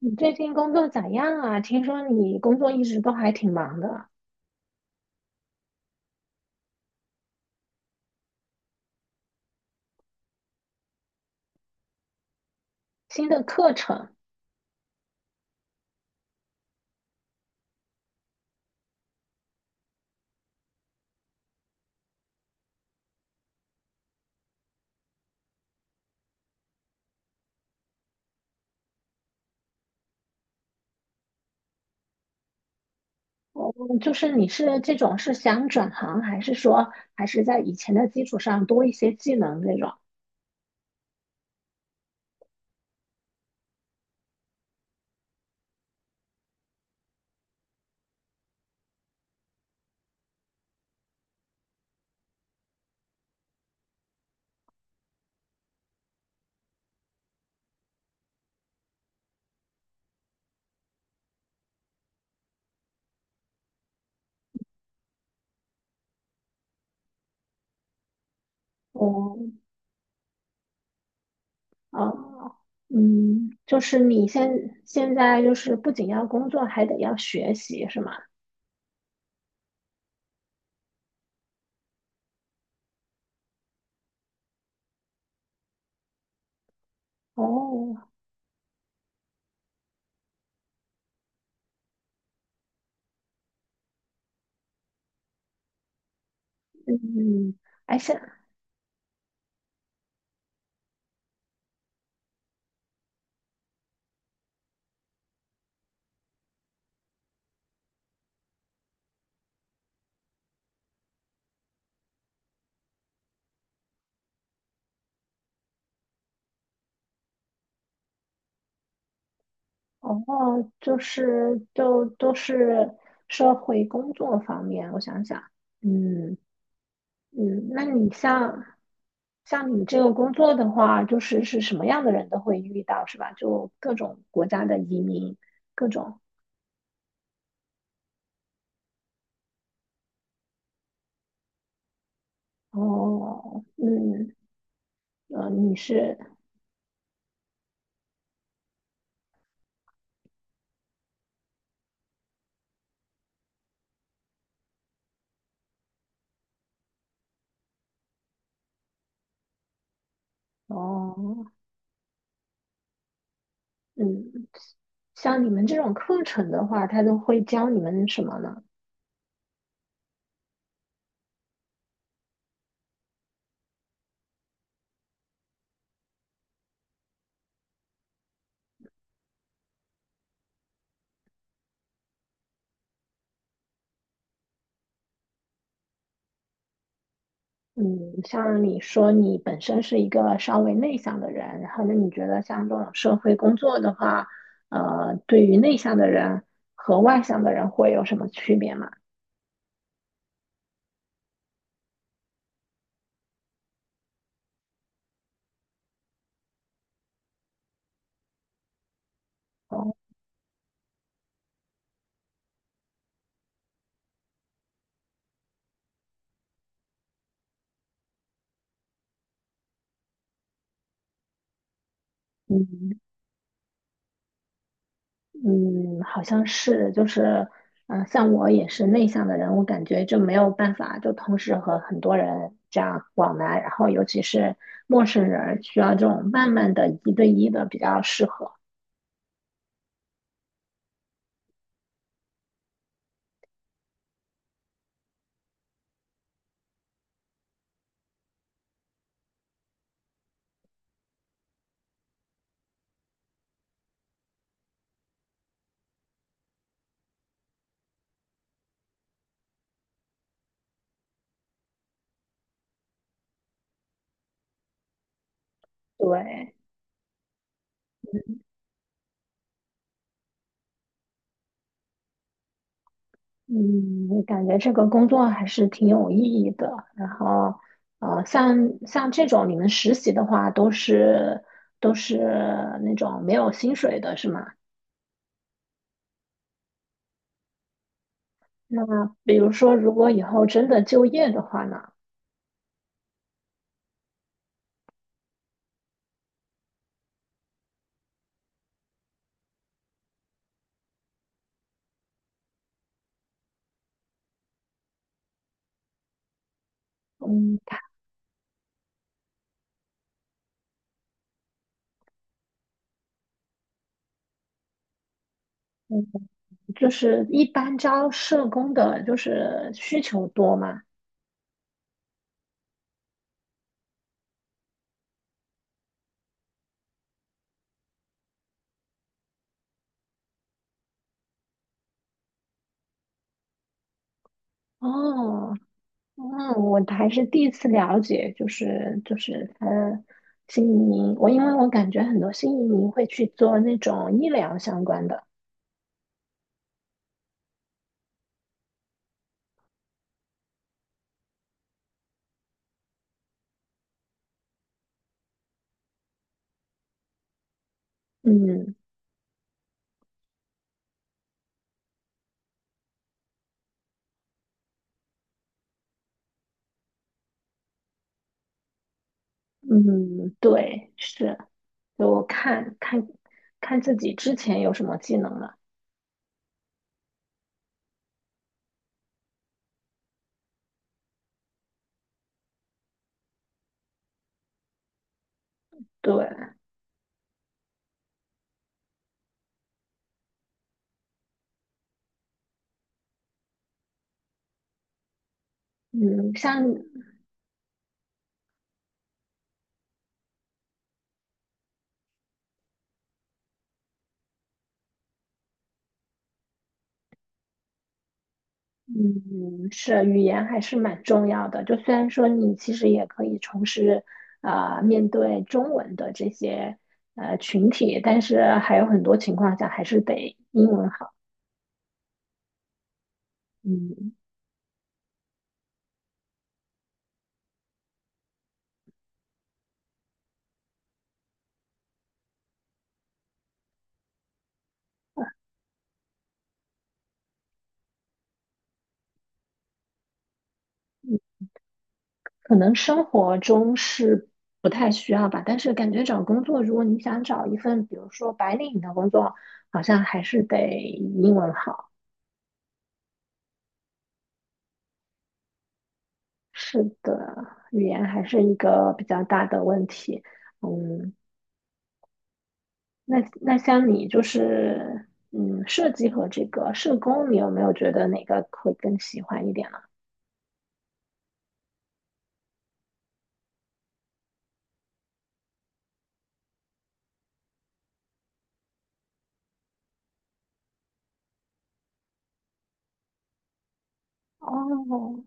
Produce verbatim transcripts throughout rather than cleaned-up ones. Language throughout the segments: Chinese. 你最近工作咋样啊？听说你工作一直都还挺忙的。新的课程，哦，就是你是这种是想转行，还是说还是在以前的基础上多一些技能这种？哦，哦，嗯，就是你现现在就是不仅要工作，还得要学习，是吗？哦，嗯，而且哦，就是就都是社会工作方面，我想想，嗯嗯，那你像像你这个工作的话，就是是什么样的人都会遇到，是吧？就各种国家的移民，各种哦，嗯呃，你是哦，嗯。像你们这种课程的话，他都会教你们什么呢？嗯，像你说你本身是一个稍微内向的人，然后那你觉得像这种社会工作的话，呃，对于内向的人和外向的人会有什么区别吗？哦，嗯嗯，好像是，就是，嗯、像我也是内向的人，我感觉就没有办法就同时和很多人这样往来，然后尤其是陌生人，需要这种慢慢的一对一的比较适合。对，嗯，我感觉这个工作还是挺有意义的。然后，呃，像像这种你们实习的话，都是都是那种没有薪水的，是吗？那比如说，如果以后真的就业的话呢，嗯，就是一般招社工的，就是需求多吗？哦，嗯，我还是第一次了解，就是就是他新移民，我因为我感觉很多新移民会去做那种医疗相关的，嗯嗯，对，是，就我看看看自己之前有什么技能了，对，嗯，像嗯是语言还是蛮重要的，就虽然说你其实也可以从事啊、呃面对中文的这些。呃群体，但是还有很多情况下还是得英文好。嗯，可能生活中是不太需要吧，但是感觉找工作，如果你想找一份，比如说白领的工作，好像还是得英文好。是的，语言还是一个比较大的问题。嗯，那那像你就是，嗯，设计和这个社工，你有没有觉得哪个会更喜欢一点呢？哦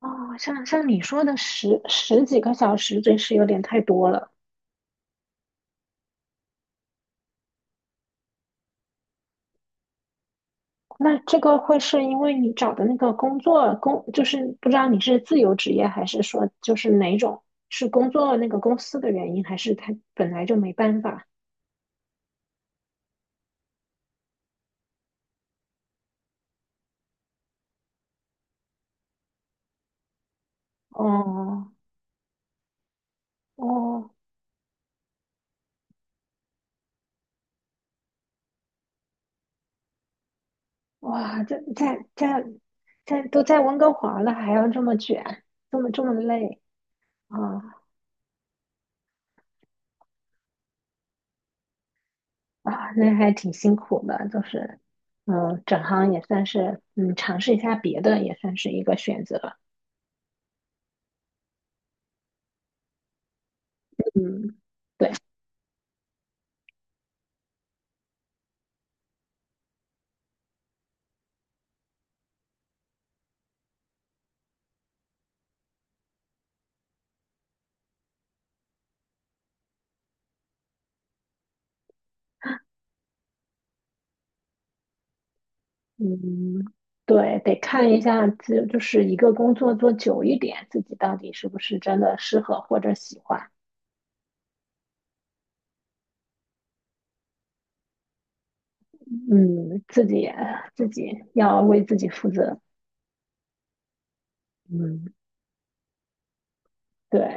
哦，像像你说的十十几个小时，真是有点太多了。那这个会是因为你找的那个工作工，就是不知道你是自由职业还是说就是哪种，是工作那个公司的原因，还是他本来就没办法？哦哦，哇，这在在在都在温哥华了，还要这么卷，这么这么累啊啊，那还挺辛苦的，就是嗯，整行也算是嗯，尝试一下别的也算是一个选择。嗯。嗯，对，得看一下，就就是一个工作做久一点，自己到底是不是真的适合或者喜欢。嗯，自己自己要为自己负责。嗯，对，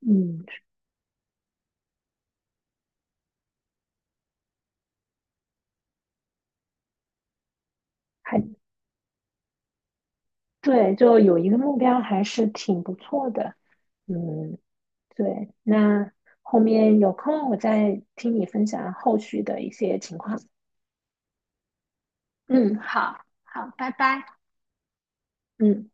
嗯，还对，就有一个目标还是挺不错的。嗯，对，那后面有空我再听你分享后续的一些情况。嗯，好，好，拜拜。嗯。